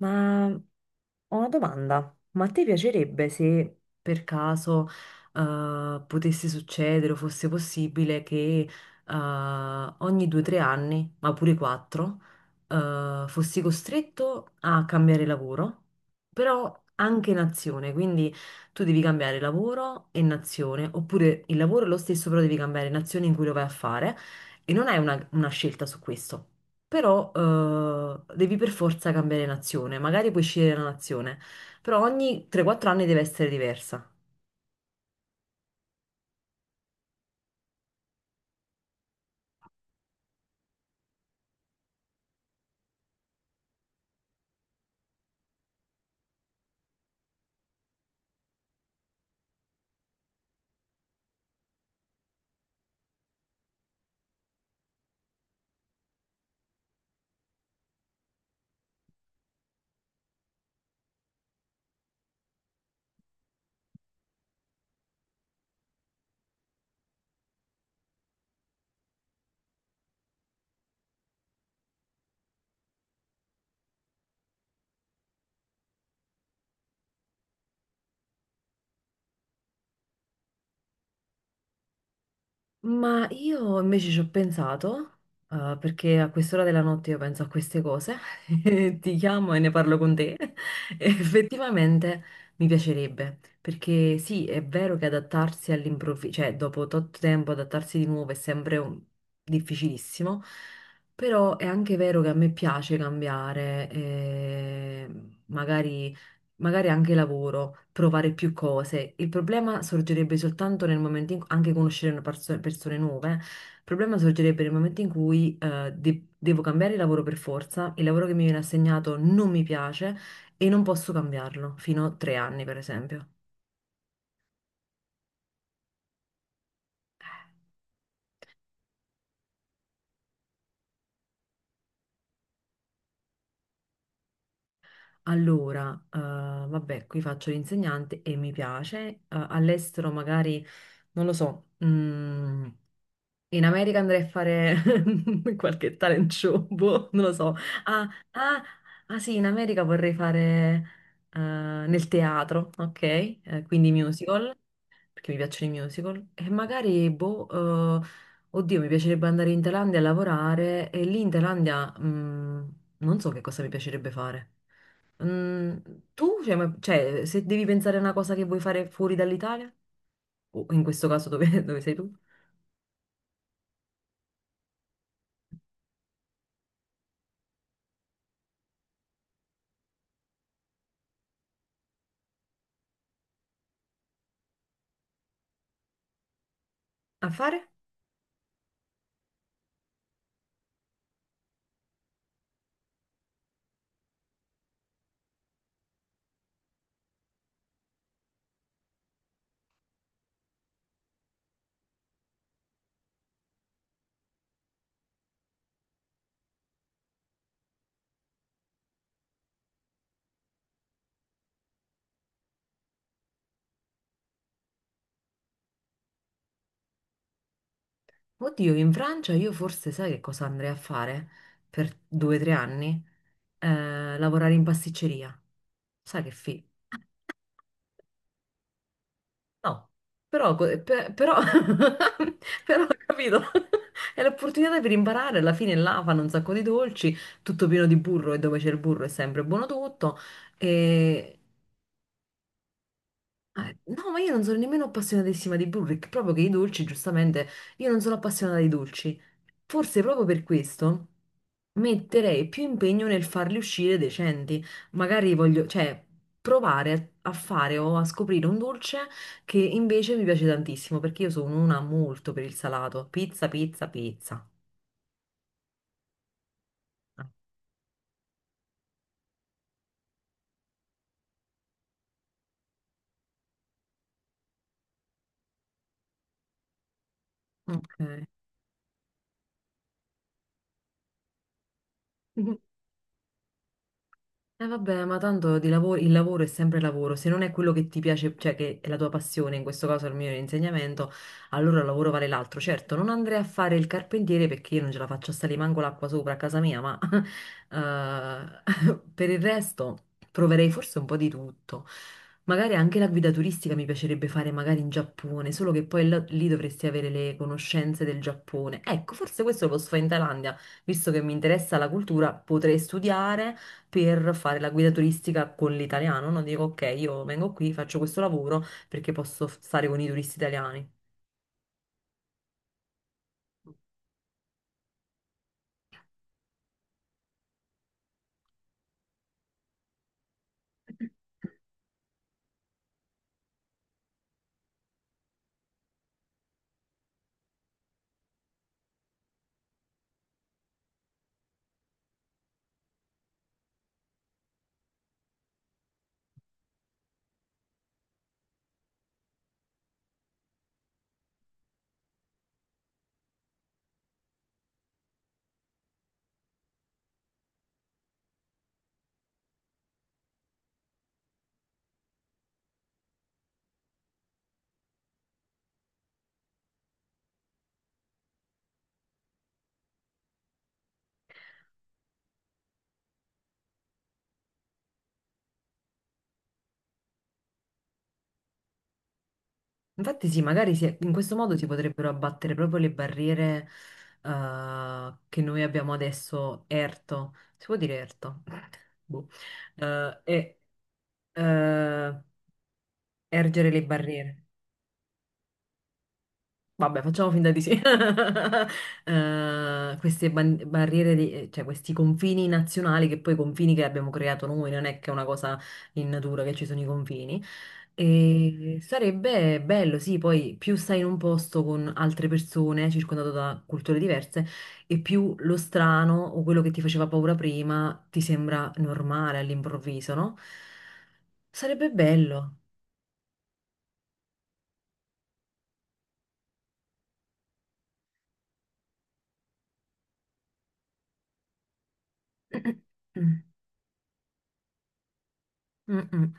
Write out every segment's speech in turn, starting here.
Ma ho una domanda, ma a te piacerebbe se per caso potesse succedere o fosse possibile che eh, ogni 2 o 3 anni, ma pure quattro, fossi costretto a cambiare lavoro, però anche nazione, quindi tu devi cambiare lavoro e nazione, oppure il lavoro è lo stesso, però devi cambiare nazione in cui lo vai a fare e non hai una scelta su questo. Però devi per forza cambiare nazione, magari puoi scegliere la nazione, però ogni 3-4 anni deve essere diversa. Ma io invece ci ho pensato, perché a quest'ora della notte io penso a queste cose, e ti chiamo e ne parlo con te. E effettivamente mi piacerebbe, perché sì, è vero che adattarsi all'improvviso, cioè dopo tot tempo adattarsi di nuovo è sempre difficilissimo, però è anche vero che a me piace cambiare, e magari magari anche lavoro, provare più cose. Il problema sorgerebbe soltanto nel momento in cui, anche conoscere una persone nuove, il problema sorgerebbe nel momento in cui devo cambiare lavoro per forza, il lavoro che mi viene assegnato non mi piace e non posso cambiarlo, fino a 3 anni per esempio. Allora, vabbè, qui faccio l'insegnante e mi piace, all'estero magari, non lo so, in America andrei a fare qualche talent show, boh, non lo so. Ah, ah, ah sì, in America vorrei fare nel teatro, ok? Quindi musical, perché mi piacciono i musical. E magari, boh, oddio, mi piacerebbe andare in Thailandia a lavorare e lì in Thailandia non so che cosa mi piacerebbe fare. Mm, tu, cioè, cioè, se devi pensare a una cosa che vuoi fare fuori dall'Italia, o in questo caso dove, dove sei tu, a fare? Oddio, in Francia io forse sai che cosa andrei a fare per due o tre anni? Lavorare in pasticceria. Sai che fi... No, però, però, però, capito? È l'opportunità per imparare, alla fine là fanno un sacco di dolci, tutto pieno di burro e dove c'è il burro è sempre buono tutto. No, ma io non sono nemmeno appassionatissima di Burrick, proprio che i dolci, giustamente, io non sono appassionata di dolci. Forse proprio per questo metterei più impegno nel farli uscire decenti. Magari voglio, cioè, provare a fare o a scoprire un dolce che invece mi piace tantissimo, perché io sono una molto per il salato. Pizza, pizza, pizza. Ah, ok. Vabbè, ma tanto di lavoro, il lavoro è sempre lavoro, se non è quello che ti piace, cioè che è la tua passione, in questo caso il mio insegnamento, allora il lavoro vale l'altro. Certo, non andrei a fare il carpentiere perché io non ce la faccio a salire manco l'acqua sopra a casa mia, ma per il resto proverei forse un po' di tutto. Magari anche la guida turistica mi piacerebbe fare magari in Giappone, solo che poi lì dovresti avere le conoscenze del Giappone. Ecco, forse questo lo posso fare in Thailandia, visto che mi interessa la cultura, potrei studiare per fare la guida turistica con l'italiano, no? Dico, ok, io vengo qui, faccio questo lavoro perché posso stare con i turisti italiani. Infatti sì, magari in questo modo si potrebbero abbattere proprio le barriere che noi abbiamo adesso, erto, si può dire erto? Boh. E eh, ergere le barriere. Vabbè, facciamo finta di sì. Queste barriere, cioè questi confini nazionali, che poi i confini che abbiamo creato noi, non è che è una cosa in natura che ci sono i confini. E sarebbe bello, sì, poi più stai in un posto con altre persone, circondato da culture diverse, e più lo strano o quello che ti faceva paura prima ti sembra normale all'improvviso, no? Sarebbe bello. Mm-mm.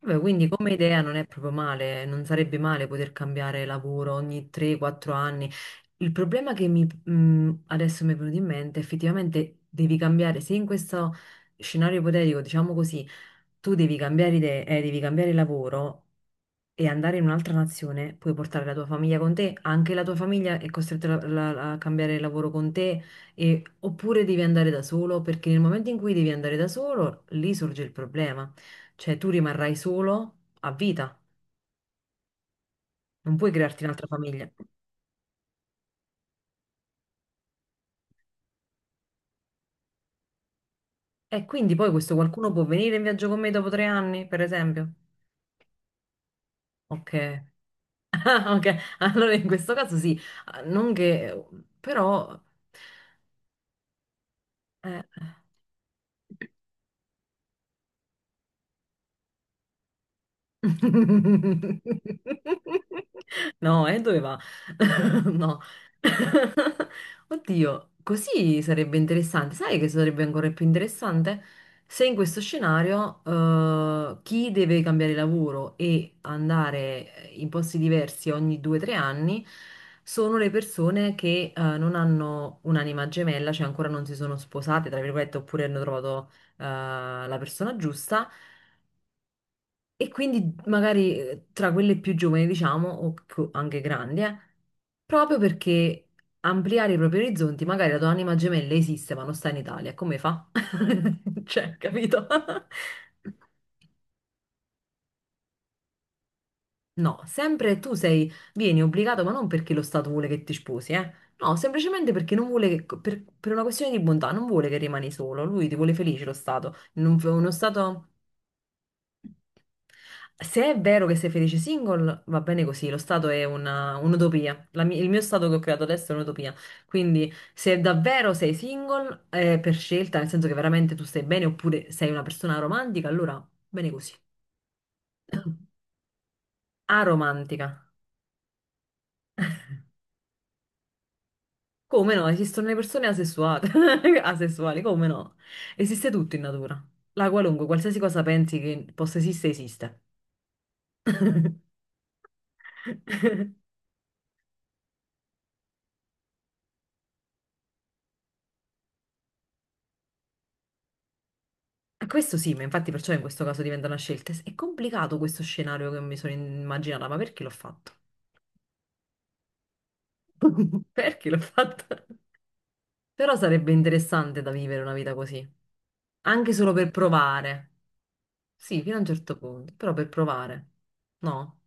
Vabbè, quindi come idea non è proprio male, non sarebbe male poter cambiare lavoro ogni 3-4 anni. Il problema che mi, adesso mi è venuto in mente, effettivamente devi cambiare, se in questo scenario ipotetico, diciamo così, tu devi cambiare idea, devi cambiare lavoro, e andare in un'altra nazione, puoi portare la tua famiglia con te, anche la tua famiglia è costretta a cambiare lavoro con te, oppure devi andare da solo, perché nel momento in cui devi andare da solo, lì sorge il problema, cioè tu rimarrai solo a vita, non puoi crearti un'altra famiglia. E quindi poi questo qualcuno può venire in viaggio con me dopo 3 anni, per esempio. Ok. Ah, ok, allora in questo caso sì. Ah, non che, però... eh, No, dove va? No. Oddio, così sarebbe interessante. Sai che sarebbe ancora più interessante? Se in questo scenario, chi deve cambiare lavoro e andare in posti diversi ogni 2 o 3 anni sono le persone che, non hanno un'anima gemella, cioè ancora non si sono sposate, tra virgolette, oppure hanno trovato, eh, la persona giusta e quindi magari tra quelle più giovani, diciamo, o anche grandi, proprio perché ampliare i propri orizzonti, magari la tua anima gemella esiste ma non sta in Italia, come fa? Cioè, capito? No, sempre tu sei, vieni obbligato, ma non perché lo Stato vuole che ti sposi, eh? No, semplicemente perché non vuole che, per una questione di bontà, non vuole che rimani solo, lui ti vuole felice lo Stato. Uno Stato... Se è vero che sei felice single, va bene così, lo stato è un'utopia. Il mio stato che ho creato adesso è un'utopia. Quindi, se davvero sei single, è per scelta, nel senso che veramente tu stai bene, oppure sei una persona romantica, allora bene così. Aromantica. Come no? Esistono le persone asessuate, asessuali, come no? Esiste tutto in natura. La qualunque, qualsiasi cosa pensi che possa esistere, esiste. Questo sì, ma infatti perciò in questo caso diventa una scelta. È complicato questo scenario che mi sono immaginata, ma perché l'ho fatto? Perché l'ho fatto? Però sarebbe interessante da vivere una vita così, anche solo per provare. Sì, fino a un certo punto, però per provare. No,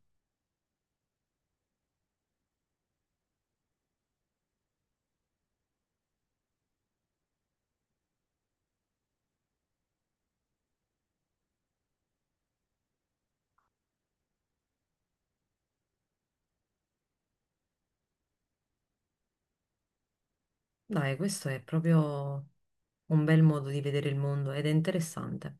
dai, questo è proprio un bel modo di vedere il mondo ed è interessante.